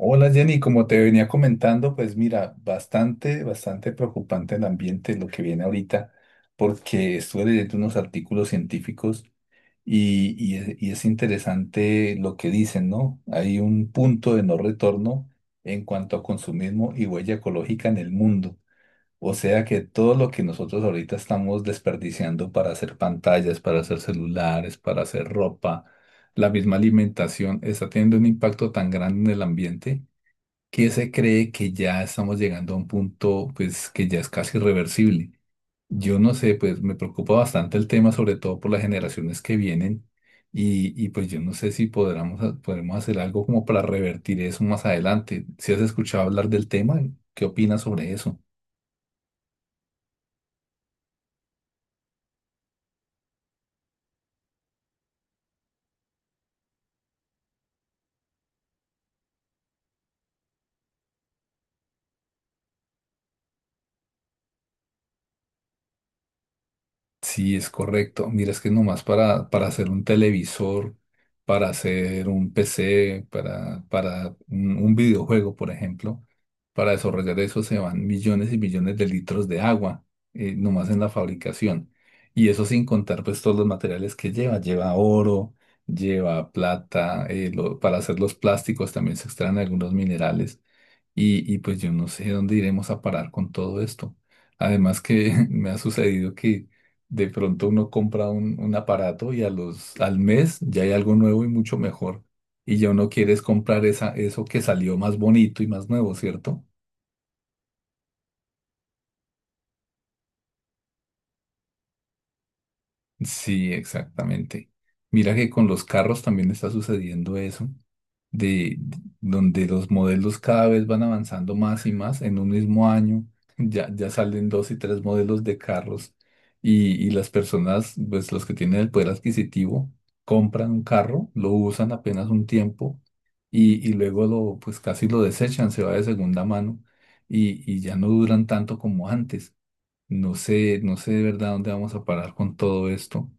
Hola Jenny, como te venía comentando, pues mira, bastante preocupante el ambiente, lo que viene ahorita, porque estuve leyendo unos artículos científicos y es interesante lo que dicen, ¿no? Hay un punto de no retorno en cuanto a consumismo y huella ecológica en el mundo. O sea que todo lo que nosotros ahorita estamos desperdiciando para hacer pantallas, para hacer celulares, para hacer ropa, la misma alimentación, está teniendo un impacto tan grande en el ambiente que se cree que ya estamos llegando a un punto pues que ya es casi irreversible. Yo no sé, pues me preocupa bastante el tema, sobre todo por las generaciones que vienen pues yo no sé si podremos hacer algo como para revertir eso más adelante. Si has escuchado hablar del tema, ¿qué opinas sobre eso? Sí, es correcto. Mira, es que nomás para hacer un televisor, para hacer un PC, para un videojuego, por ejemplo, para desarrollar eso se van millones y millones de litros de agua, nomás en la fabricación. Y eso sin contar pues todos los materiales que lleva. Lleva oro, lleva plata, para hacer los plásticos también se extraen algunos minerales. Y pues yo no sé dónde iremos a parar con todo esto. Además que me ha sucedido que de pronto uno compra un aparato y a al mes ya hay algo nuevo y mucho mejor. Y ya uno quiere es comprar eso que salió más bonito y más nuevo, ¿cierto? Sí, exactamente. Mira que con los carros también está sucediendo eso. De Donde los modelos cada vez van avanzando más y más en un mismo año. Ya salen dos y tres modelos de carros y las personas, pues los que tienen el poder adquisitivo, compran un carro, lo usan apenas un tiempo y luego pues casi lo desechan, se va de segunda mano y ya no duran tanto como antes. No sé, no sé de verdad dónde vamos a parar con todo esto,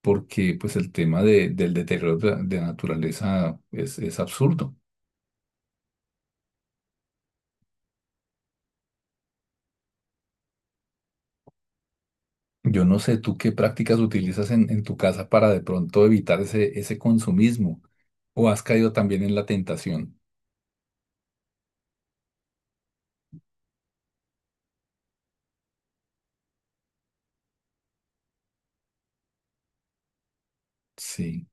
porque pues el tema del deterioro la de la naturaleza es absurdo. Yo no sé tú qué prácticas utilizas en tu casa para de pronto evitar ese consumismo, o has caído también en la tentación. Sí,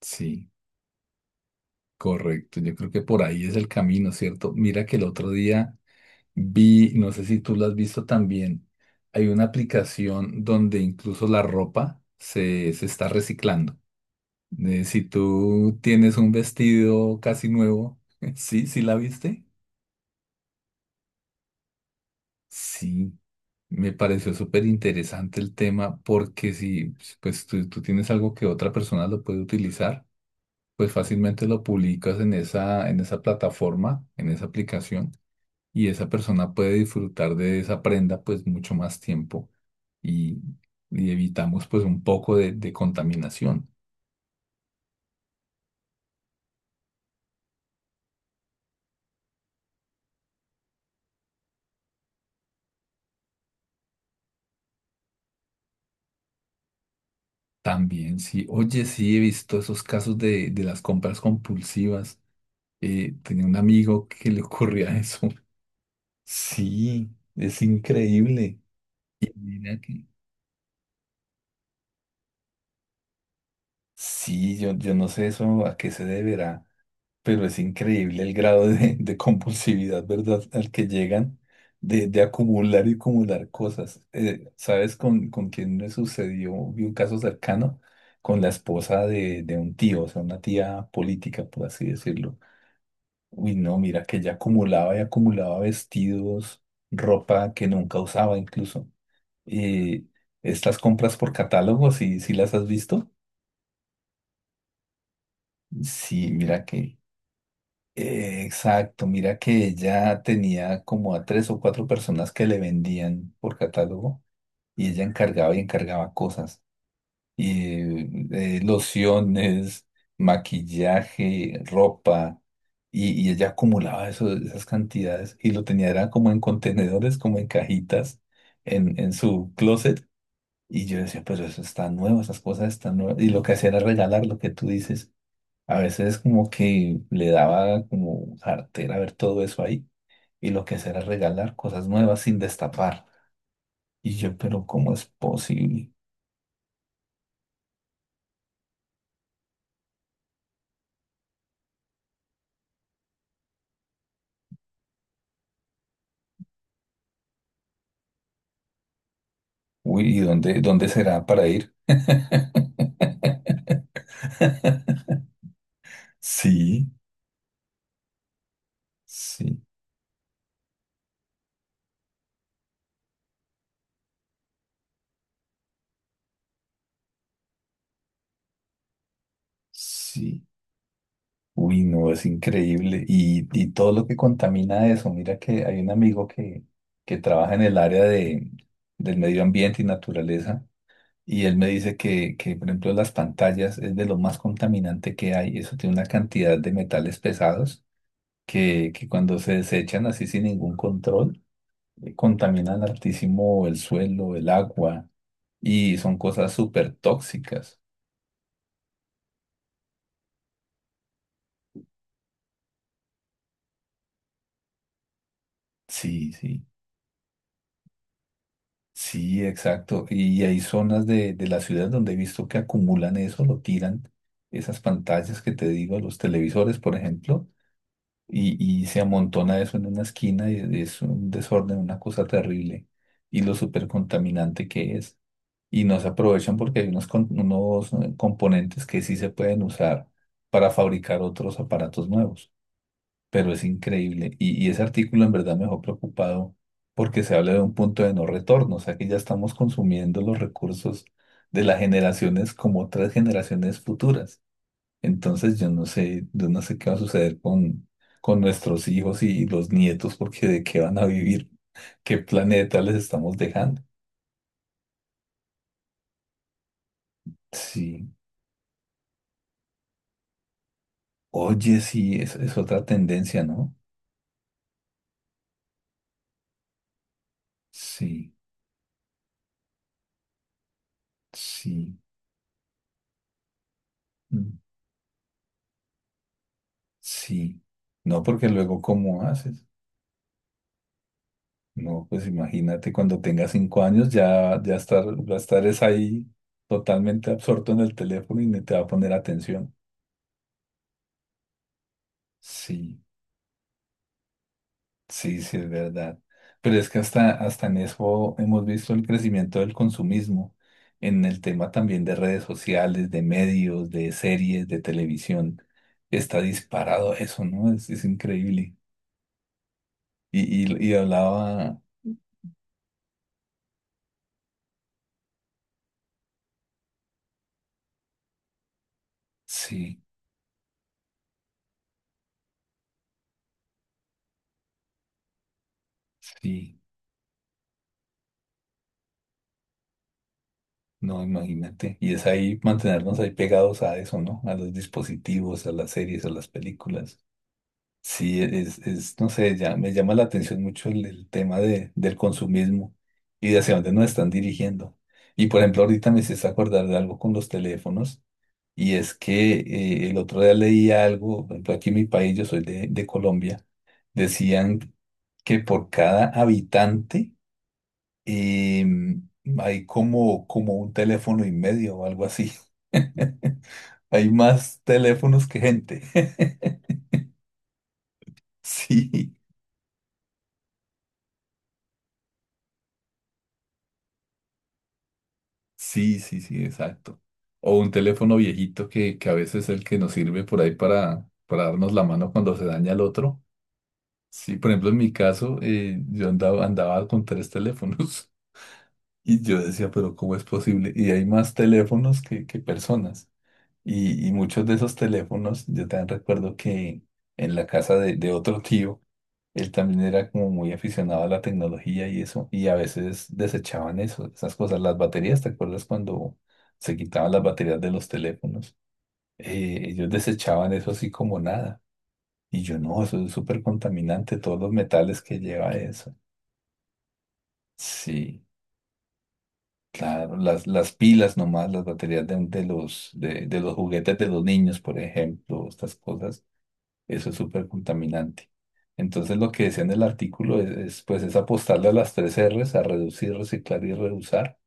sí, correcto. Yo creo que por ahí es el camino, ¿cierto? Mira que el otro día vi, no sé si tú lo has visto también, hay una aplicación donde incluso la ropa se está reciclando. De si tú tienes un vestido casi nuevo, ¿sí? ¿Sí la viste? Sí, me pareció súper interesante el tema porque si pues tú tienes algo que otra persona lo puede utilizar, pues fácilmente lo publicas en en esa plataforma, en esa aplicación, y esa persona puede disfrutar de esa prenda pues mucho más tiempo y, y evitamos pues un poco de contaminación. También, sí. Oye, sí, he visto esos casos de las compras compulsivas. Tenía un amigo que le ocurría eso. Sí, es increíble. Y mira que... Sí, yo no sé eso a qué se deberá, pero es increíble el grado de compulsividad, ¿verdad? Al que llegan de acumular y acumular cosas. ¿Sabes con quién me sucedió? Vi un caso cercano con la esposa de un tío, o sea, una tía política, por así decirlo. Uy, no, mira que ella acumulaba y acumulaba vestidos, ropa que nunca usaba incluso. Eh, estas compras por catálogo, si las has visto? Sí, mira que... exacto, mira que ella tenía como a tres o cuatro personas que le vendían por catálogo y ella encargaba y encargaba cosas. Y lociones, maquillaje, ropa, y ella acumulaba eso, esas cantidades y lo tenía era como en contenedores, como en cajitas en su closet. Y yo decía, pero eso está nuevo, esas cosas están nuevas. Y lo que hacía era regalar lo que tú dices. A veces como que le daba como jartera ver todo eso ahí. Y lo que hacía era regalar cosas nuevas sin destapar. Y yo, pero ¿cómo es posible? Uy, ¿y dónde será para ir? Sí, sí, sí. Uy, no, es increíble. Y todo lo que contamina eso. Mira que hay un amigo que trabaja en el área del medio ambiente y naturaleza. Y él me dice que, por ejemplo, las pantallas es de lo más contaminante que hay. Eso tiene una cantidad de metales pesados que cuando se desechan así sin ningún control, contaminan altísimo el suelo, el agua y son cosas súper tóxicas. Sí, sí. Sí, exacto. Y hay zonas de la ciudad donde he visto que acumulan eso, lo tiran, esas pantallas que te digo, los televisores, por ejemplo, y se amontona eso en una esquina y es un desorden, una cosa terrible. Y lo súper contaminante que es. Y no se aprovechan porque hay unos componentes que sí se pueden usar para fabricar otros aparatos nuevos, pero es increíble. Y ese artículo en verdad me dejó preocupado porque se habla de un punto de no retorno, o sea que ya estamos consumiendo los recursos de las generaciones como otras generaciones futuras. Entonces yo no sé qué va a suceder con nuestros hijos y los nietos, porque de qué van a vivir, qué planeta les estamos dejando. Sí. Oye, sí, es otra tendencia, ¿no? Sí, sí, mm, sí. No, porque luego, ¿cómo haces? No, pues imagínate cuando tenga cinco años ya, va a estar es ahí totalmente absorto en el teléfono y ni te va a poner atención. Sí, sí, sí, es verdad. Pero es que hasta, hasta en eso hemos visto el crecimiento del consumismo, en el tema también de redes sociales, de medios, de series, de televisión. Está disparado eso, ¿no? Es increíble. Y hablaba, sí, sí. No, imagínate. Y es ahí mantenernos ahí pegados a eso, ¿no? A los dispositivos, a las series, a las películas. Sí, no sé, ya me llama la atención mucho el tema del consumismo y de hacia dónde nos están dirigiendo. Y por ejemplo, ahorita me hiciste acordar de algo con los teléfonos y es que el otro día leí algo, por ejemplo, aquí en mi país, yo soy de Colombia, decían que por cada habitante y hay como un teléfono y medio o algo así. Hay más teléfonos que gente. Sí, sí, sí, sí, exacto. O un teléfono viejito que a veces es el que nos sirve por ahí para darnos la mano cuando se daña el otro. Sí, por ejemplo, en mi caso, andaba con tres teléfonos y yo decía, pero ¿cómo es posible? Y hay más teléfonos que personas. Y muchos de esos teléfonos, yo también recuerdo que en la casa de otro tío, él también era como muy aficionado a la tecnología y eso, y a veces desechaban eso, esas cosas, las baterías, ¿te acuerdas cuando se quitaban las baterías de los teléfonos? Ellos desechaban eso así como nada. Y yo no, eso es súper contaminante, todos los metales que lleva eso. Sí, claro, las pilas nomás, las baterías de de los juguetes de los niños, por ejemplo, estas cosas. Eso es súper contaminante. Entonces lo que decía en el artículo es pues es apostarle a las tres R's, a reducir, reciclar y reusar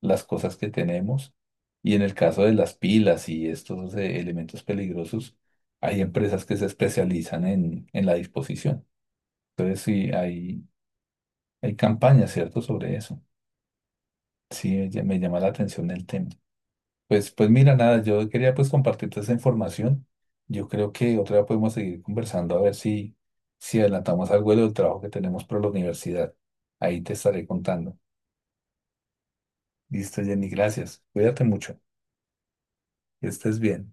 las cosas que tenemos. Y en el caso de las pilas y estos elementos peligrosos, hay empresas que se especializan en la disposición. Entonces sí, hay campañas, ¿cierto?, sobre eso. Sí, me llama la atención el tema. Pues mira, nada, yo quería pues compartirte esa información. Yo creo que otra vez podemos seguir conversando a ver si adelantamos algo de lo del trabajo que tenemos por la universidad. Ahí te estaré contando. Listo, Jenny, gracias. Cuídate mucho. Que estés bien.